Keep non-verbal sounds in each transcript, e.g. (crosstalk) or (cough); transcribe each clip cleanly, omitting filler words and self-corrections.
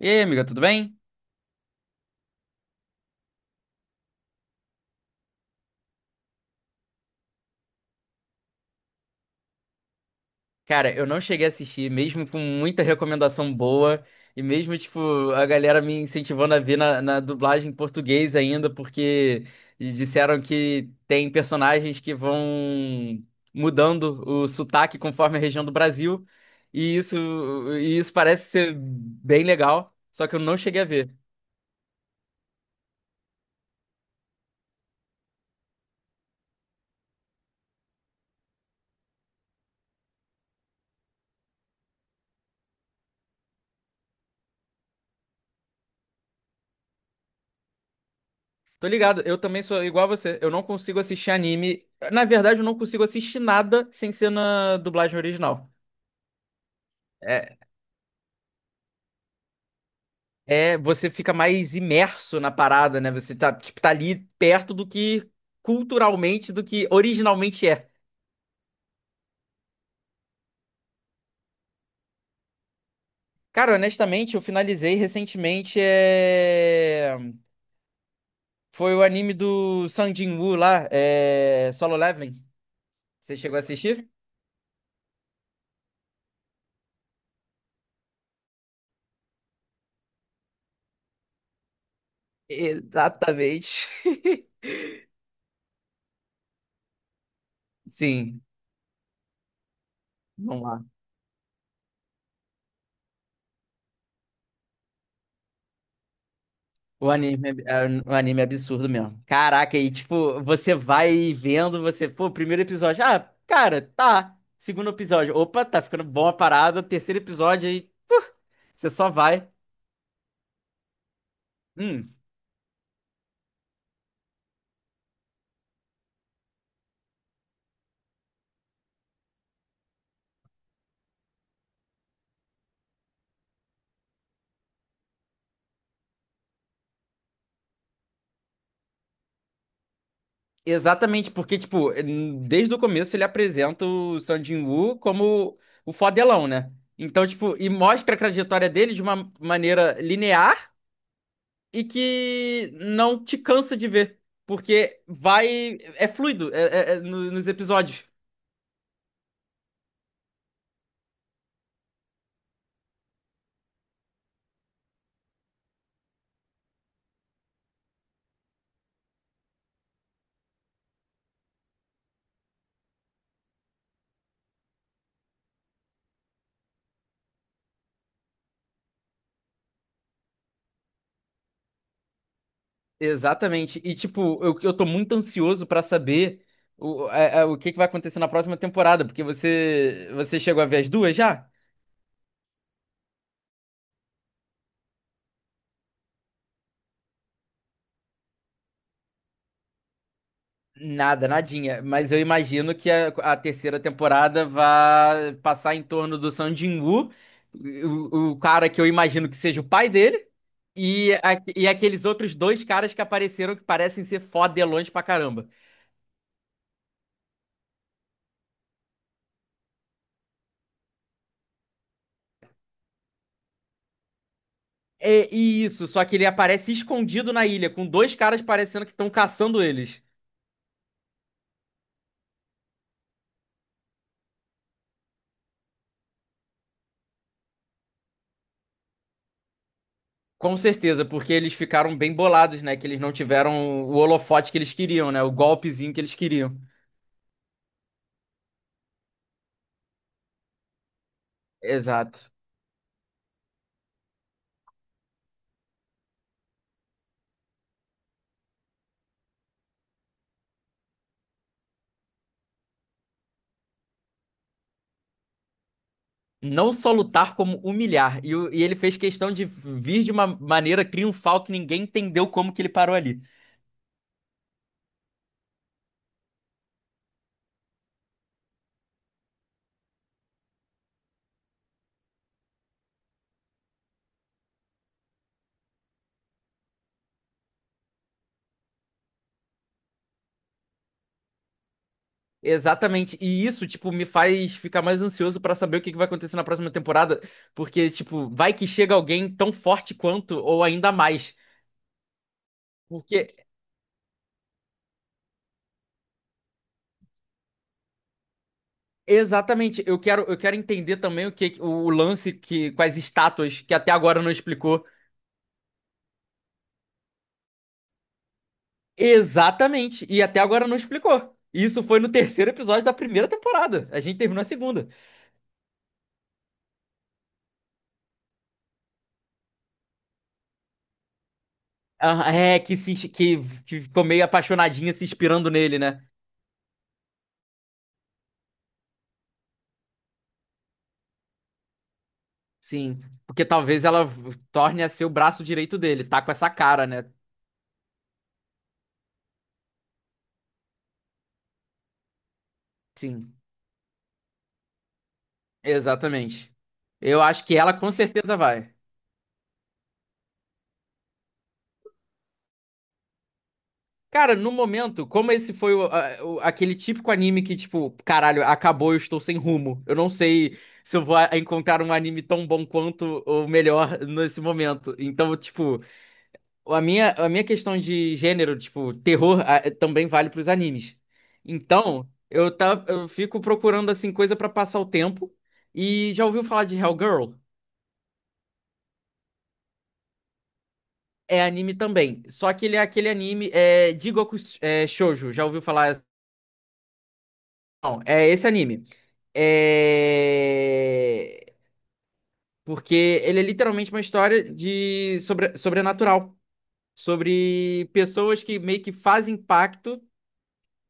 E aí, amiga, tudo bem? Cara, eu não cheguei a assistir, mesmo com muita recomendação boa, e mesmo, tipo, a galera me incentivando a ver na dublagem em português ainda, porque disseram que tem personagens que vão mudando o sotaque conforme a região do Brasil, e isso, e isso parece ser bem legal, só que eu não cheguei a ver. Tô ligado, eu também sou igual a você, eu não consigo assistir anime. Na verdade, eu não consigo assistir nada sem ser na dublagem original. É, você fica mais imerso na parada, né? Você tá, tipo, tá ali perto do que culturalmente, do que originalmente é. Cara, honestamente, eu finalizei recentemente. Foi o anime do Sung Jin-woo lá, Solo Leveling. Você chegou a assistir? Exatamente. (laughs) Sim. Vamos lá. O anime é, é um anime é absurdo mesmo. Caraca, e tipo, você vai vendo, você, pô, primeiro episódio, ah, cara, tá. Segundo episódio, opa, tá ficando bom a parada. Terceiro episódio, aí você só vai. Hum, exatamente, porque, tipo, desde o começo ele apresenta o Sung Jin-woo como o fodelão, né? Então, tipo, e mostra a trajetória dele de uma maneira linear e que não te cansa de ver. Porque vai. É fluido é, é nos episódios. Exatamente. E, tipo, eu tô muito ansioso pra saber o, o que que vai acontecer na próxima temporada, porque você chegou a ver as duas já? Nada, nadinha. Mas eu imagino que a terceira temporada vai passar em torno do Sung Jin-woo, o cara que eu imagino que seja o pai dele, e, e aqueles outros dois caras que apareceram que parecem ser fodelões pra caramba. É, e isso, só que ele aparece escondido na ilha, com dois caras parecendo que estão caçando eles. Com certeza, porque eles ficaram bem bolados, né? Que eles não tiveram o holofote que eles queriam, né? O golpezinho que eles queriam. Exato. Não só lutar, como humilhar. E, e ele fez questão de vir de uma maneira triunfal que ninguém entendeu como que ele parou ali. Exatamente. E isso, tipo, me faz ficar mais ansioso pra saber o que que vai acontecer na próxima temporada. Porque, tipo, vai que chega alguém tão forte quanto, ou ainda mais. Porque exatamente, eu quero entender também o que o lance que com as estátuas que até agora não explicou. Exatamente, e até agora não explicou. Isso foi no terceiro episódio da primeira temporada. A gente terminou a segunda. Ah, é, que, se, que ficou meio apaixonadinha se inspirando nele, né? Sim, porque talvez ela torne a ser o braço direito dele, tá com essa cara, né? Sim, exatamente. Eu acho que ela com certeza vai. Cara, no momento, como esse foi aquele típico anime que, tipo, caralho, acabou, eu estou sem rumo. Eu não sei se eu vou encontrar um anime tão bom quanto ou melhor nesse momento. Então, tipo, a minha questão de gênero, tipo, terror, também vale pros animes. Então, eu, tá, eu fico procurando, assim, coisa pra passar o tempo. E já ouviu falar de Hellgirl? É anime também. Só que ele é aquele anime é, Jigoku é, Shoujo. Já ouviu falar? Não, é esse anime. É... Porque ele é literalmente uma história de sobre sobrenatural. Sobre pessoas que meio que fazem pacto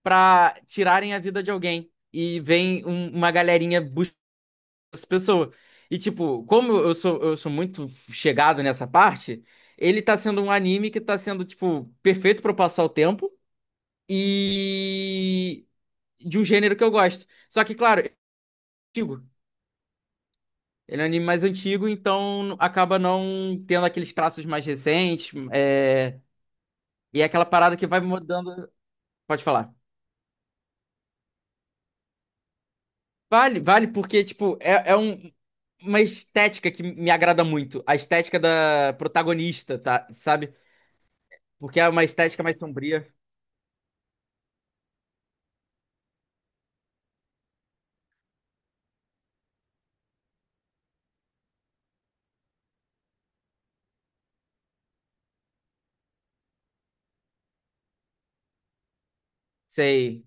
pra tirarem a vida de alguém. E vem uma galerinha buscar essa pessoa. E tipo, como eu sou muito chegado nessa parte, ele tá sendo um anime que tá sendo, tipo, perfeito pra eu passar o tempo. E de um gênero que eu gosto. Só que, claro, ele é um anime mais antigo, então acaba não tendo aqueles traços mais recentes. E é aquela parada que vai mudando. Pode falar. Vale, vale, porque, tipo, é, é uma estética que me agrada muito. A estética da protagonista, tá? Sabe? Porque é uma estética mais sombria. Sei.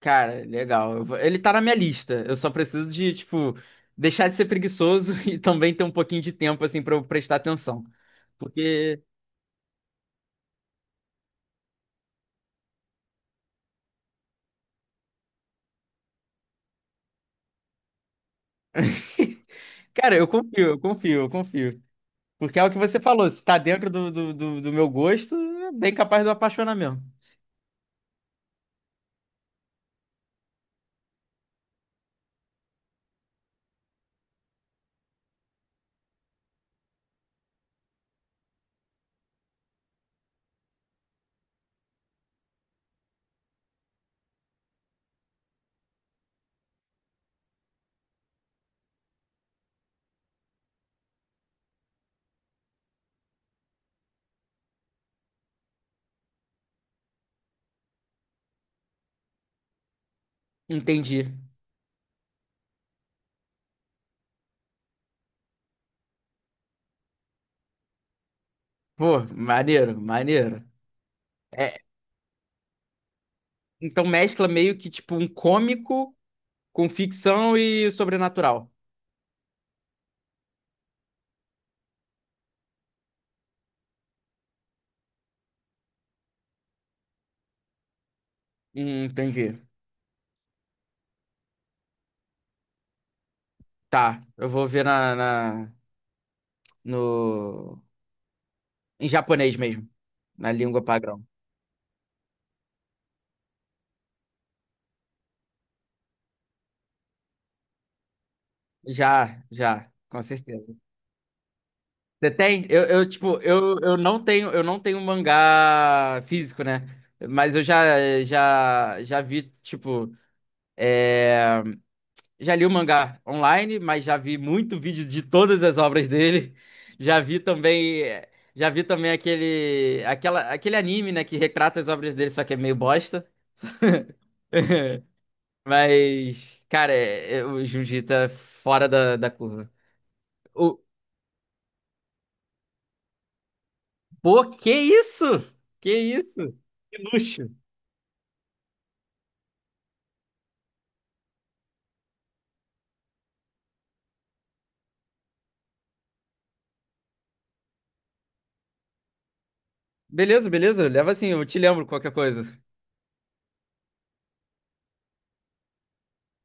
Cara, legal. Ele tá na minha lista. Eu só preciso de, tipo, deixar de ser preguiçoso (laughs) e também ter um pouquinho de tempo, assim, pra eu prestar atenção. Porque, (laughs) cara, eu confio. Porque é o que você falou, se tá dentro do meu gosto, é bem capaz do apaixonamento. Entendi. Pô, maneiro, maneiro. É, então mescla meio que tipo um cômico com ficção e sobrenatural. Entendi. Tá, eu vou ver na, na- no, em japonês mesmo, na língua padrão. Já, já, com certeza. Você tem? Tipo, eu não tenho, eu não tenho mangá físico, né? Mas eu já vi, tipo, é, já li o mangá online, mas já vi muito vídeo de todas as obras dele. Já vi também, já vi também aquele, aquela, aquele anime, né, que retrata as obras dele, só que é meio bosta. (laughs) Mas, cara, o Jiu-Jitsu é fora da, da curva. Pô, que isso? Que isso? Que luxo. Beleza, beleza. Leva assim, eu te lembro qualquer coisa.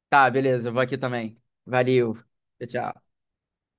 Tá, beleza, eu vou aqui também. Valeu. Tchau, tchau.